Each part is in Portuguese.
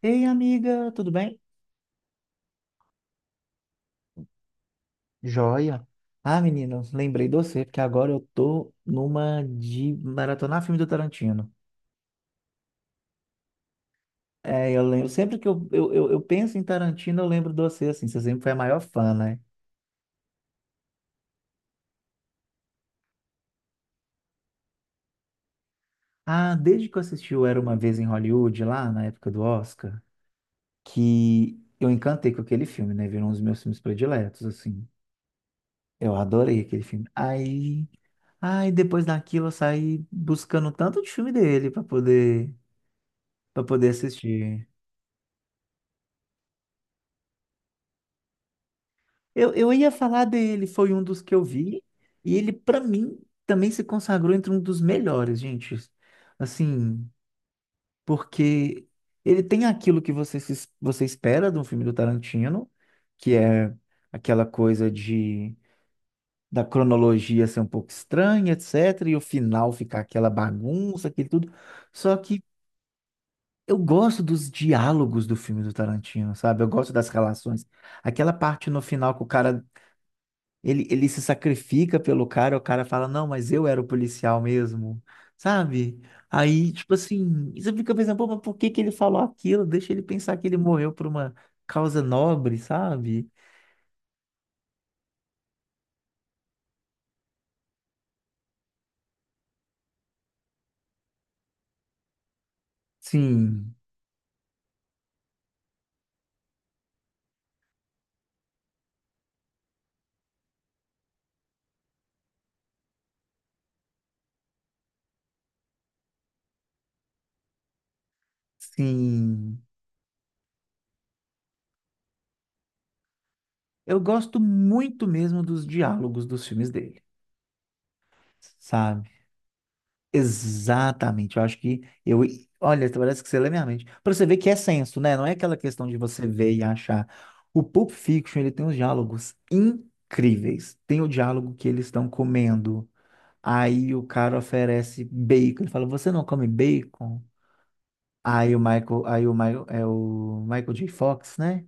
Ei, amiga, tudo bem? Joia. Ah, menino, lembrei de você, porque agora eu tô numa de maratonar filme do Tarantino. É, eu lembro, sempre que eu penso em Tarantino, eu lembro de você, assim, você sempre foi a maior fã, né? Ah, desde que eu assisti o Era Uma Vez em Hollywood, lá na época do Oscar, que eu encantei com aquele filme, né? Virou um dos meus filmes prediletos, assim. Eu adorei aquele filme. Aí, depois daquilo eu saí buscando tanto de filme dele para poder assistir. Eu ia falar dele, foi um dos que eu vi, e ele, pra mim, também se consagrou entre um dos melhores, gente. Assim, porque ele tem aquilo que você, você espera de um filme do Tarantino, que é aquela coisa de da cronologia ser um pouco estranha, etc., e o final ficar aquela bagunça, aquilo tudo. Só que eu gosto dos diálogos do filme do Tarantino, sabe? Eu gosto das relações. Aquela parte no final que o cara ele se sacrifica pelo cara, o cara fala, não, mas eu era o policial mesmo, sabe? Aí, tipo assim, você fica pensando, pô, mas por que que ele falou aquilo? Deixa ele pensar que ele morreu por uma causa nobre, sabe? Sim, sim. Eu gosto muito mesmo dos diálogos dos filmes dele, sabe? Exatamente, eu acho que eu. Olha, parece que você lê minha mente. Pra você ver que é senso, né? Não é aquela questão de você ver e achar. O Pulp Fiction, ele tem uns diálogos incríveis. Tem o diálogo que eles estão comendo. Aí o cara oferece bacon. Ele fala: Você não come bacon? Aí o Michael, é o Michael J. Fox, né?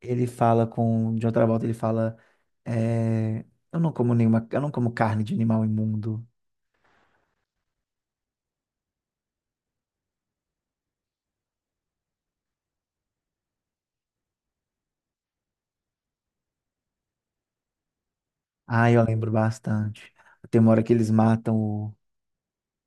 Ele fala com. De outra volta, ele fala: é, Eu não como nenhuma. Eu não como carne de animal imundo. Ah, eu lembro bastante. Tem uma hora que eles matam o,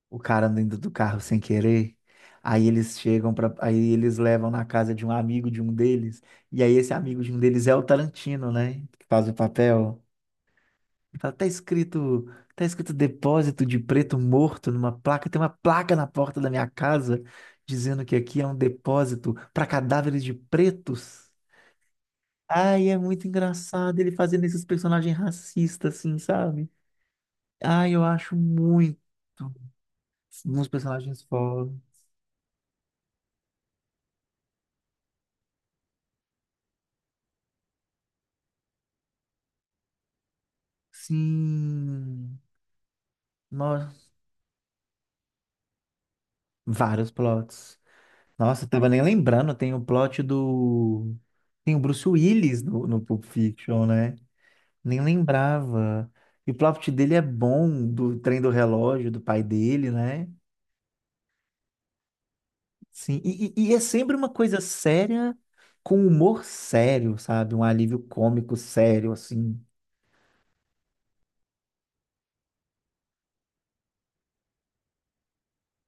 o cara dentro do carro sem querer. Aí eles levam na casa de um amigo de um deles. E aí esse amigo de um deles é o Tarantino, né? Que faz o papel. Fala, tá escrito depósito de preto morto numa placa. Tem uma placa na porta da minha casa dizendo que aqui é um depósito para cadáveres de pretos. Ai, é muito engraçado ele fazendo esses personagens racistas, assim, sabe? Ai, eu acho muito. Uns personagens fora. Sim. Nossa, vários plots. Nossa, eu tava nem lembrando, tem o plot do. Tem o Bruce Willis no Pulp Fiction, né? Nem lembrava. E o plot dele é bom, do trem do relógio, do pai dele, né? Sim. E é sempre uma coisa séria, com humor sério, sabe? Um alívio cômico sério, assim.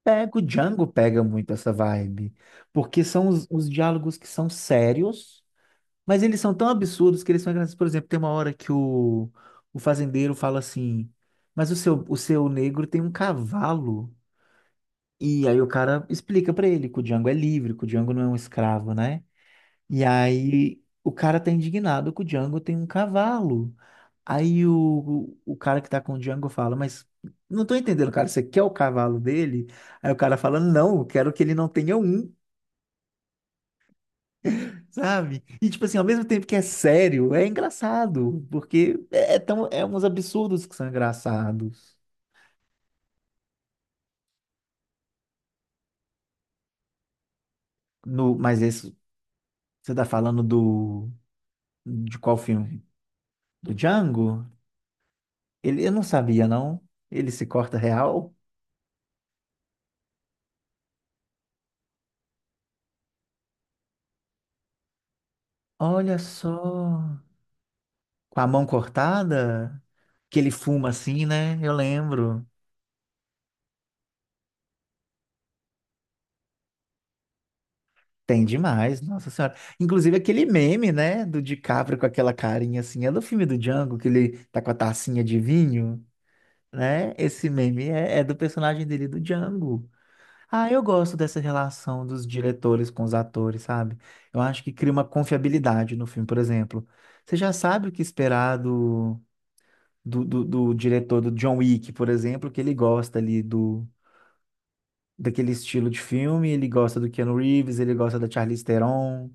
Pega, o Django pega muito essa vibe, porque são os diálogos que são sérios, mas eles são tão absurdos que eles são engraçados. Por exemplo, tem uma hora que o fazendeiro fala assim, mas o seu negro tem um cavalo. E aí o cara explica pra ele que o Django é livre, que o Django não é um escravo, né? E aí o cara tá indignado que o Django tem um cavalo. Aí o cara que tá com o Django fala, mas não tô entendendo, cara, você quer o cavalo dele? Aí o cara fala, não, eu quero que ele não tenha um, sabe? E tipo assim, ao mesmo tempo que é sério, é engraçado, porque é uns absurdos que são engraçados. No, mas esse, você tá falando de qual filme? Do Django? Eu não sabia, não. Ele se corta real? Olha só, com a mão cortada, que ele fuma assim, né? Eu lembro. Tem demais, nossa senhora. Inclusive aquele meme, né, do DiCaprio com aquela carinha assim, é do filme do Django, que ele tá com a tacinha de vinho, né? Esse meme é do personagem dele, do Django. Ah, eu gosto dessa relação dos diretores com os atores, sabe? Eu acho que cria uma confiabilidade no filme, por exemplo. Você já sabe o que esperar do diretor do John Wick, por exemplo, que ele gosta ali daquele estilo de filme, ele gosta do Keanu Reeves, ele gosta da Charlize Theron.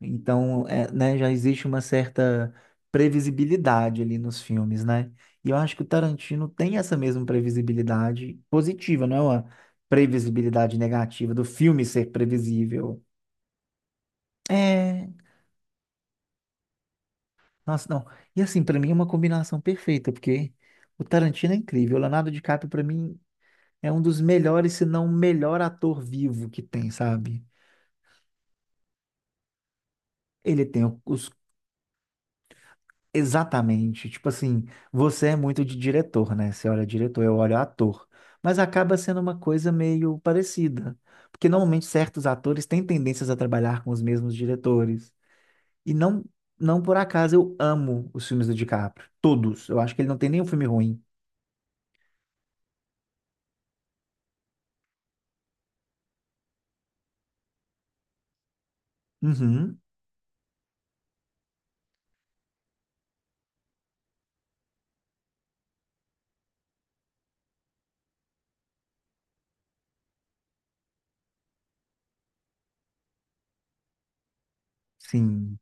Então, é, né, já existe uma certa previsibilidade ali nos filmes, né? E eu acho que o Tarantino tem essa mesma previsibilidade positiva, não é uma previsibilidade negativa do filme ser previsível. É, nossa, não. E assim, pra mim é uma combinação perfeita, porque o Tarantino é incrível. O Leonardo DiCaprio, pra mim, é um dos melhores, se não o melhor ator vivo que tem, sabe? Ele tem o- os Exatamente. Tipo assim, você é muito de diretor, né? Você olha diretor, eu olho ator. Mas acaba sendo uma coisa meio parecida. Porque normalmente certos atores têm tendências a trabalhar com os mesmos diretores. E não por acaso eu amo os filmes do DiCaprio. Todos. Eu acho que ele não tem nenhum filme ruim. Uhum, sim.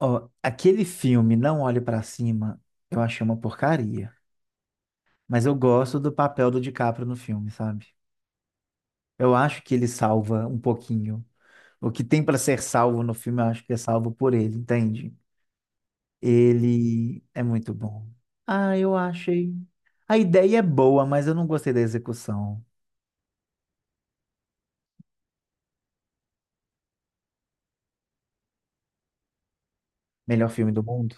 Ó, aquele filme, Não Olhe Pra Cima, eu achei uma porcaria. Mas eu gosto do papel do DiCaprio no filme, sabe? Eu acho que ele salva um pouquinho. O que tem para ser salvo no filme, eu acho que é salvo por ele, entende? Ele é muito bom. Ah, eu achei. A ideia é boa, mas eu não gostei da execução. Melhor filme do mundo?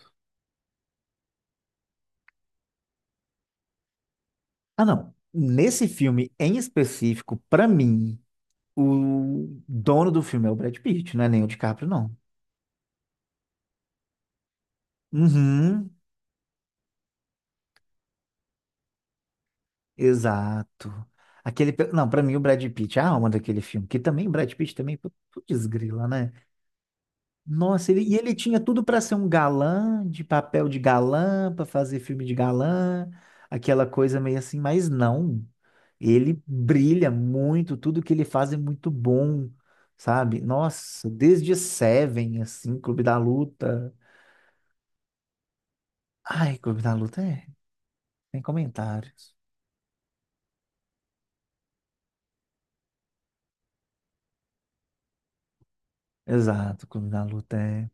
Ah, não. Nesse filme em específico, para mim, o dono do filme é o Brad Pitt, não é nem o DiCaprio, não. Uhum, exato. Não, para mim o Brad Pitt é a alma daquele filme, que também o Brad Pitt também, putz, grila, né? Nossa, ele tinha tudo para ser um galã, de papel de galã, para fazer filme de galã, aquela coisa meio assim, mas não. Ele brilha muito, tudo que ele faz é muito bom, sabe? Nossa, desde Seven, assim, Clube da Luta. Ai, Clube da Luta tem comentários. Exato, Clube da Luta é,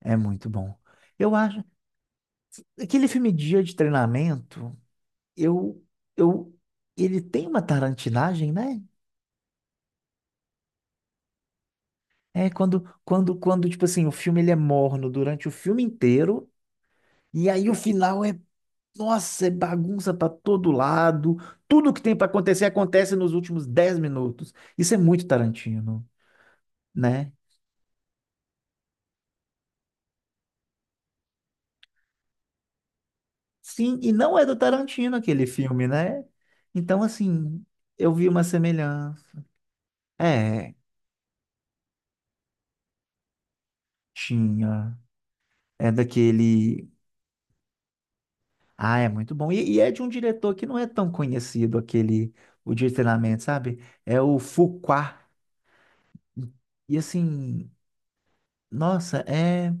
é muito bom. Eu acho, aquele filme Dia de Treinamento, eu, eu, ele tem uma tarantinagem, né? É quando, tipo assim, o filme ele é morno durante o filme inteiro, e aí o final é, nossa, é bagunça pra todo lado. Tudo que tem pra acontecer acontece nos últimos 10 minutos. Isso é muito Tarantino, né? Sim, e não é do Tarantino aquele filme, né? Então, assim, eu vi uma semelhança. É, tinha. É daquele. Ah, é muito bom. E é de um diretor que não é tão conhecido, aquele. O de treinamento, sabe? É o Fuqua. E assim, nossa, é,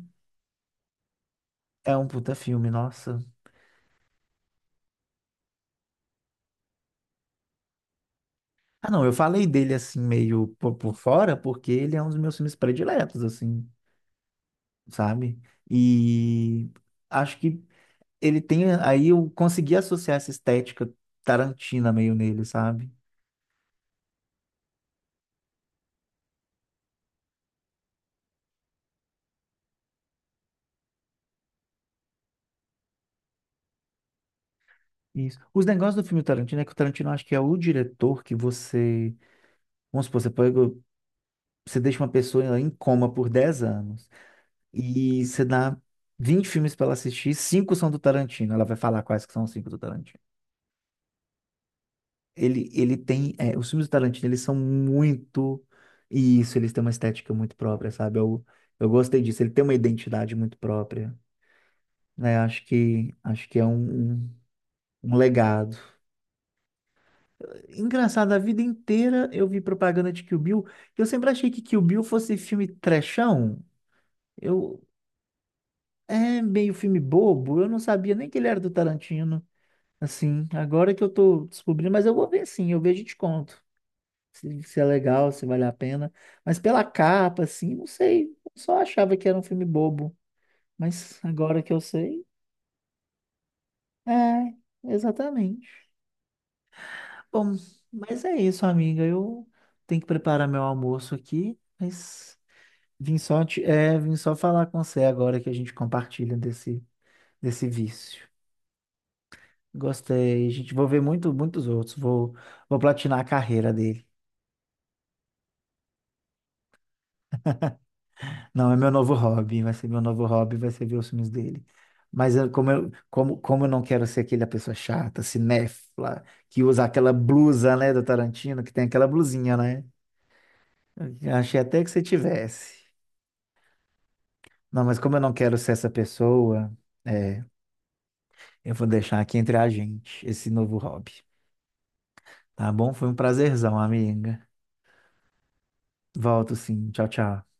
é um puta filme, nossa. Ah, não, eu falei dele assim meio por fora, porque ele é um dos meus filmes prediletos, assim, sabe? E acho que ele tem, aí eu consegui associar essa estética tarantina meio nele, sabe? Isso. Os negócios do filme Tarantino é que o Tarantino acho que é o diretor que você, vamos supor, você pega, você deixa uma pessoa em coma por 10 anos. E você dá 20 filmes para ela assistir, cinco são do Tarantino. Ela vai falar quais que são os cinco do Tarantino. Ele tem. Os filmes do Tarantino, eles são muito. E isso, eles têm uma estética muito própria, sabe? Eu gostei disso. Ele tem uma identidade muito própria. Né? Acho que é um, legado. Engraçado, a vida inteira eu vi propaganda de Kill Bill. E eu sempre achei que Kill Bill fosse filme trechão. Eu. É meio filme bobo, eu não sabia nem que ele era do Tarantino. Assim, agora que eu tô descobrindo, mas eu vou ver sim, eu vejo e te conto. Se é legal, se vale a pena. Mas pela capa, assim, não sei. Eu só achava que era um filme bobo. Mas agora que eu sei, é, exatamente. Bom, mas é isso, amiga. Eu tenho que preparar meu almoço aqui, mas vim só falar com você agora que a gente compartilha desse vício. Gostei. A gente vou ver muitos outros. Vou platinar a carreira dele. Não, é meu novo hobby, vai ser meu novo hobby, vai ser ver os filmes dele. Como eu não quero ser aquela pessoa chata, cinéfila, que usa aquela blusa, né, do Tarantino, que tem aquela blusinha, né? Eu achei até que você tivesse. Não, mas como eu não quero ser essa pessoa, é, eu vou deixar aqui entre a gente esse novo hobby. Tá bom? Foi um prazerzão, amiga. Volto sim. Tchau, tchau.